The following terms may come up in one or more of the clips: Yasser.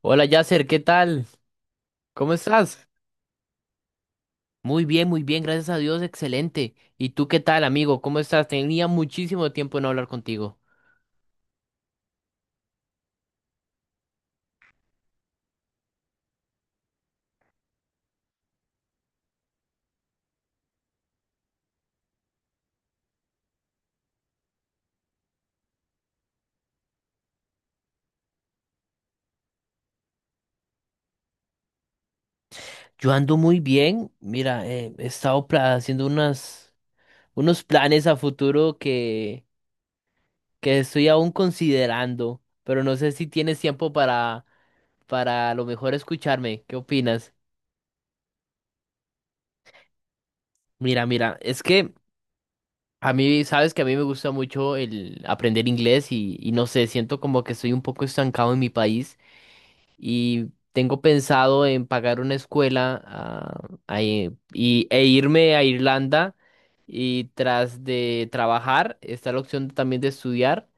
Hola Yasser, ¿qué tal? ¿Cómo estás? Muy bien, gracias a Dios, excelente. ¿Y tú qué tal, amigo? ¿Cómo estás? Tenía muchísimo tiempo de no hablar contigo. Yo ando muy bien. Mira, he estado haciendo unos planes a futuro que estoy aún considerando, pero no sé si tienes tiempo para a lo mejor escucharme. ¿Qué opinas? Mira, mira, es que a mí, sabes que a mí me gusta mucho el aprender inglés y no sé, siento como que estoy un poco estancado en mi país. Y tengo pensado en pagar una escuela e irme a Irlanda y tras de trabajar está la opción también de estudiar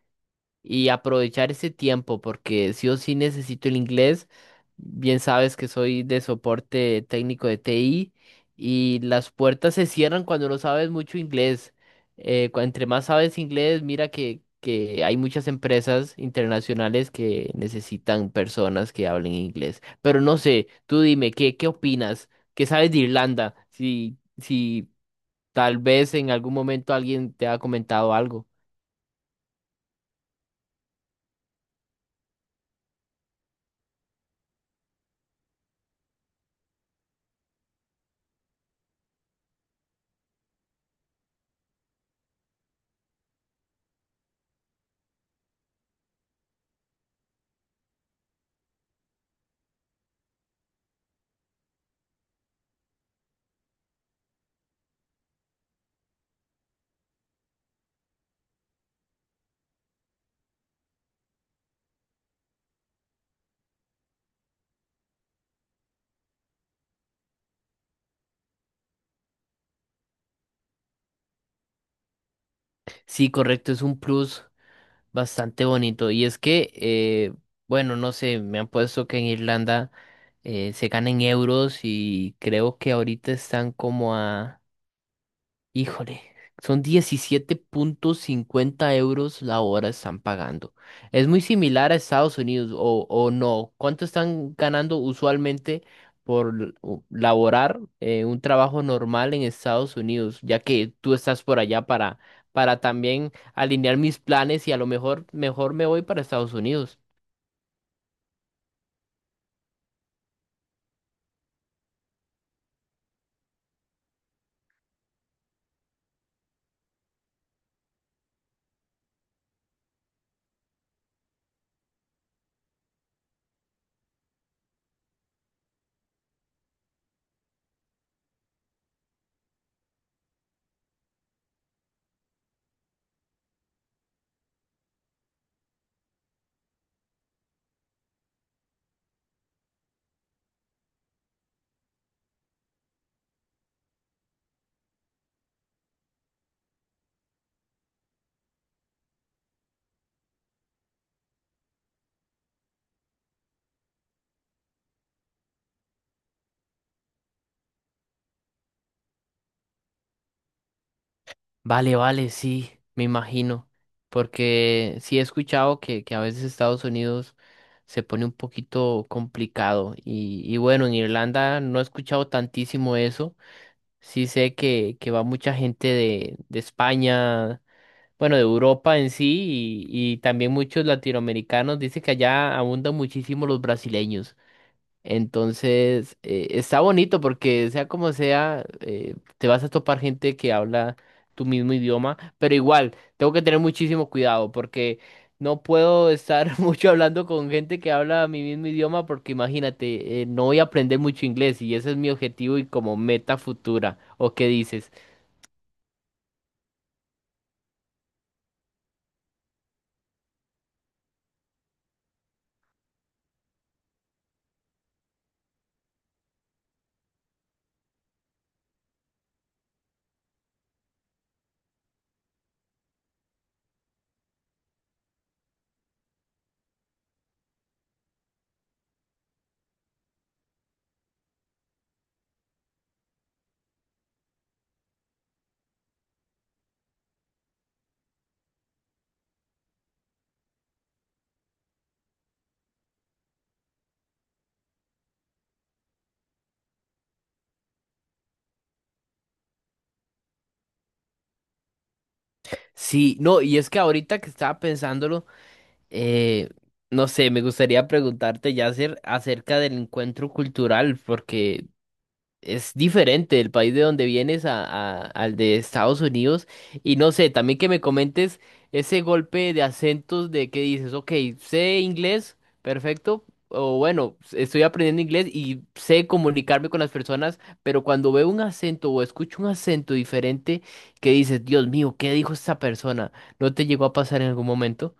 y aprovechar ese tiempo porque sí o sí necesito el inglés. Bien sabes que soy de soporte técnico de TI y las puertas se cierran cuando no sabes mucho inglés. Entre más sabes inglés, mira que hay muchas empresas internacionales que necesitan personas que hablen inglés. Pero no sé, tú dime, ¿ qué opinas? ¿Qué sabes de Irlanda? Si tal vez en algún momento alguien te ha comentado algo. Sí, correcto, es un plus. Bastante bonito. Y es que, bueno, no sé, me han puesto que en Irlanda se ganan euros y creo que ahorita están como a... Híjole, son 17,50 euros la hora están pagando. Es muy similar a Estados Unidos o no. ¿Cuánto están ganando usualmente por laborar un trabajo normal en Estados Unidos? Ya que tú estás por allá para también alinear mis planes y a lo mejor mejor me voy para Estados Unidos. Vale, vale, sí, me imagino, porque sí he escuchado que a veces Estados Unidos se pone un poquito complicado y bueno, en Irlanda no he escuchado tantísimo eso, sí sé que va mucha gente de España, bueno, de Europa en sí y también muchos latinoamericanos, dice que allá abundan muchísimo los brasileños. Entonces, está bonito porque sea como sea, te vas a topar gente que habla tu mismo idioma, pero igual, tengo que tener muchísimo cuidado porque no puedo estar mucho hablando con gente que habla mi mismo idioma porque imagínate, no voy a aprender mucho inglés y ese es mi objetivo y como meta futura. ¿O qué dices? Sí, no, y es que ahorita que estaba pensándolo, eh, no sé, me gustaría preguntarte, Yasser, acerca del encuentro cultural, porque es diferente el país de donde vienes al de Estados Unidos. Y no sé, también que me comentes ese golpe de acentos de que dices, ok, sé inglés, perfecto. O bueno, estoy aprendiendo inglés y sé comunicarme con las personas, pero cuando veo un acento o escucho un acento diferente, que dices, Dios mío, ¿qué dijo esta persona? ¿No te llegó a pasar en algún momento?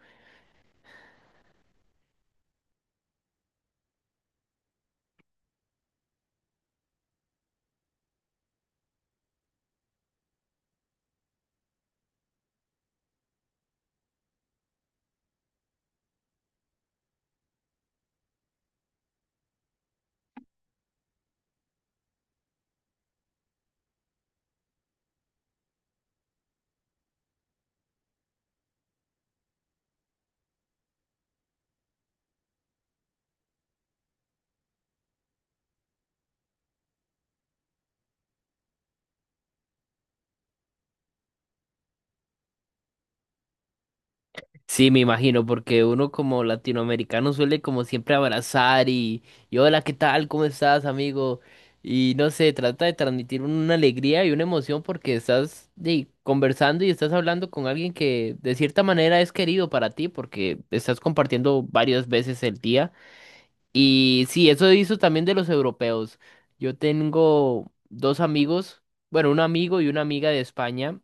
Sí, me imagino, porque uno como latinoamericano suele como siempre abrazar y hola, ¿qué tal? ¿Cómo estás, amigo? Y no sé, trata de transmitir una alegría y una emoción porque estás conversando y estás hablando con alguien que de cierta manera es querido para ti porque estás compartiendo varias veces el día. Y sí, eso hizo también de los europeos. Yo tengo dos amigos, bueno, un amigo y una amiga de España.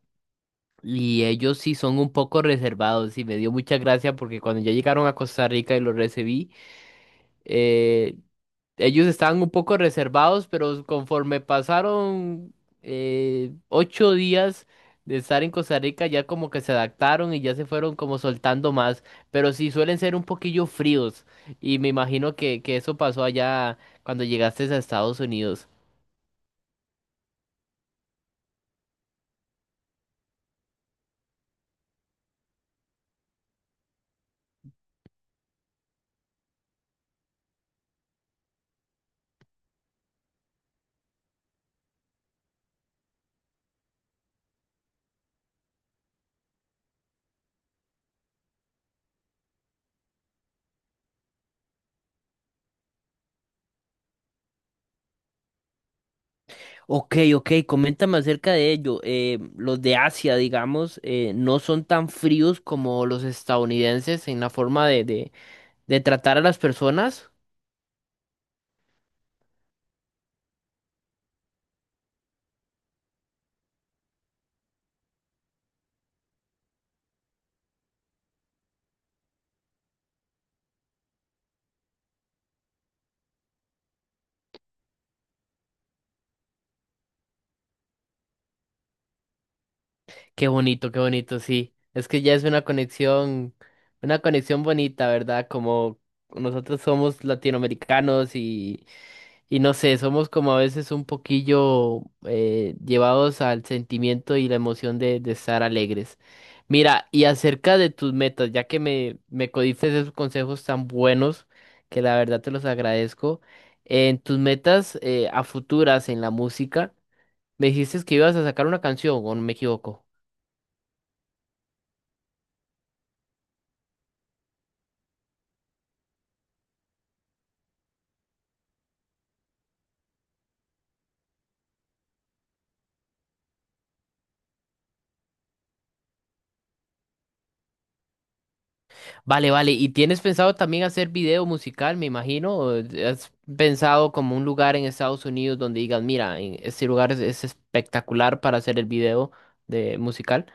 Y ellos sí son un poco reservados y me dio mucha gracia porque cuando ya llegaron a Costa Rica y los recibí, eh, ellos estaban un poco reservados, pero conforme pasaron 8 días de estar en Costa Rica, ya como que se adaptaron y ya se fueron como soltando más, pero sí suelen ser un poquillo fríos y me imagino que eso pasó allá cuando llegaste a Estados Unidos. Ok, ok, coméntame acerca de ello. Los de Asia, digamos, no son tan fríos como los estadounidenses en la forma de tratar a las personas. Qué bonito, sí. Es que ya es una conexión bonita, ¿verdad? Como nosotros somos latinoamericanos y no sé, somos como a veces un poquillo llevados al sentimiento y la emoción de estar alegres. Mira, y acerca de tus metas, ya que me codiste esos consejos tan buenos, que la verdad te los agradezco, en tus metas a futuras en la música, me dijiste que ibas a sacar una canción, ¿o no me equivoco? Vale, vale. ¿Y tienes pensado también hacer video musical, me imagino? ¿O ¿has pensado como un lugar en Estados Unidos donde digas, mira, en este lugar es espectacular para hacer el video de musical?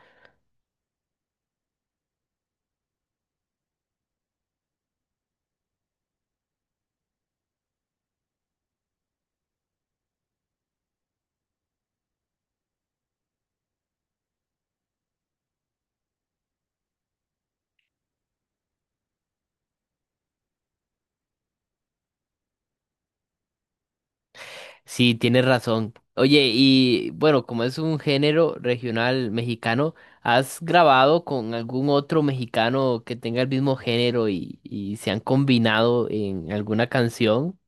Sí, tienes razón. Oye, y bueno, como es un género regional mexicano, ¿has grabado con algún otro mexicano que tenga el mismo género y se han combinado en alguna canción?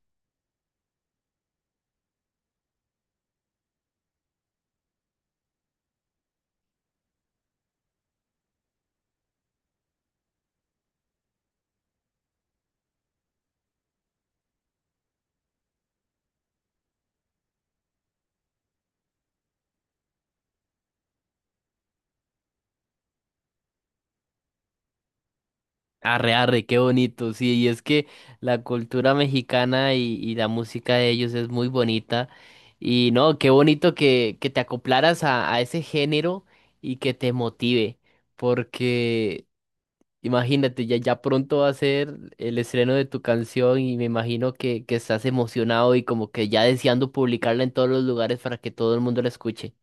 Arre, arre, qué bonito, sí, y es que la cultura mexicana y la música de ellos es muy bonita, y no, qué bonito que te acoplaras a ese género y que te motive, porque imagínate, ya, ya pronto va a ser el estreno de tu canción y me imagino que estás emocionado y como que ya deseando publicarla en todos los lugares para que todo el mundo la escuche.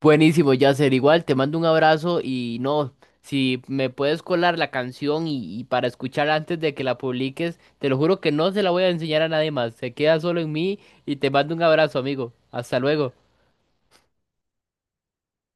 Buenísimo, Yasser. Igual te mando un abrazo y no, si me puedes colar la canción y para escuchar antes de que la publiques, te lo juro que no se la voy a enseñar a nadie más. Se queda solo en mí y te mando un abrazo, amigo. Hasta luego.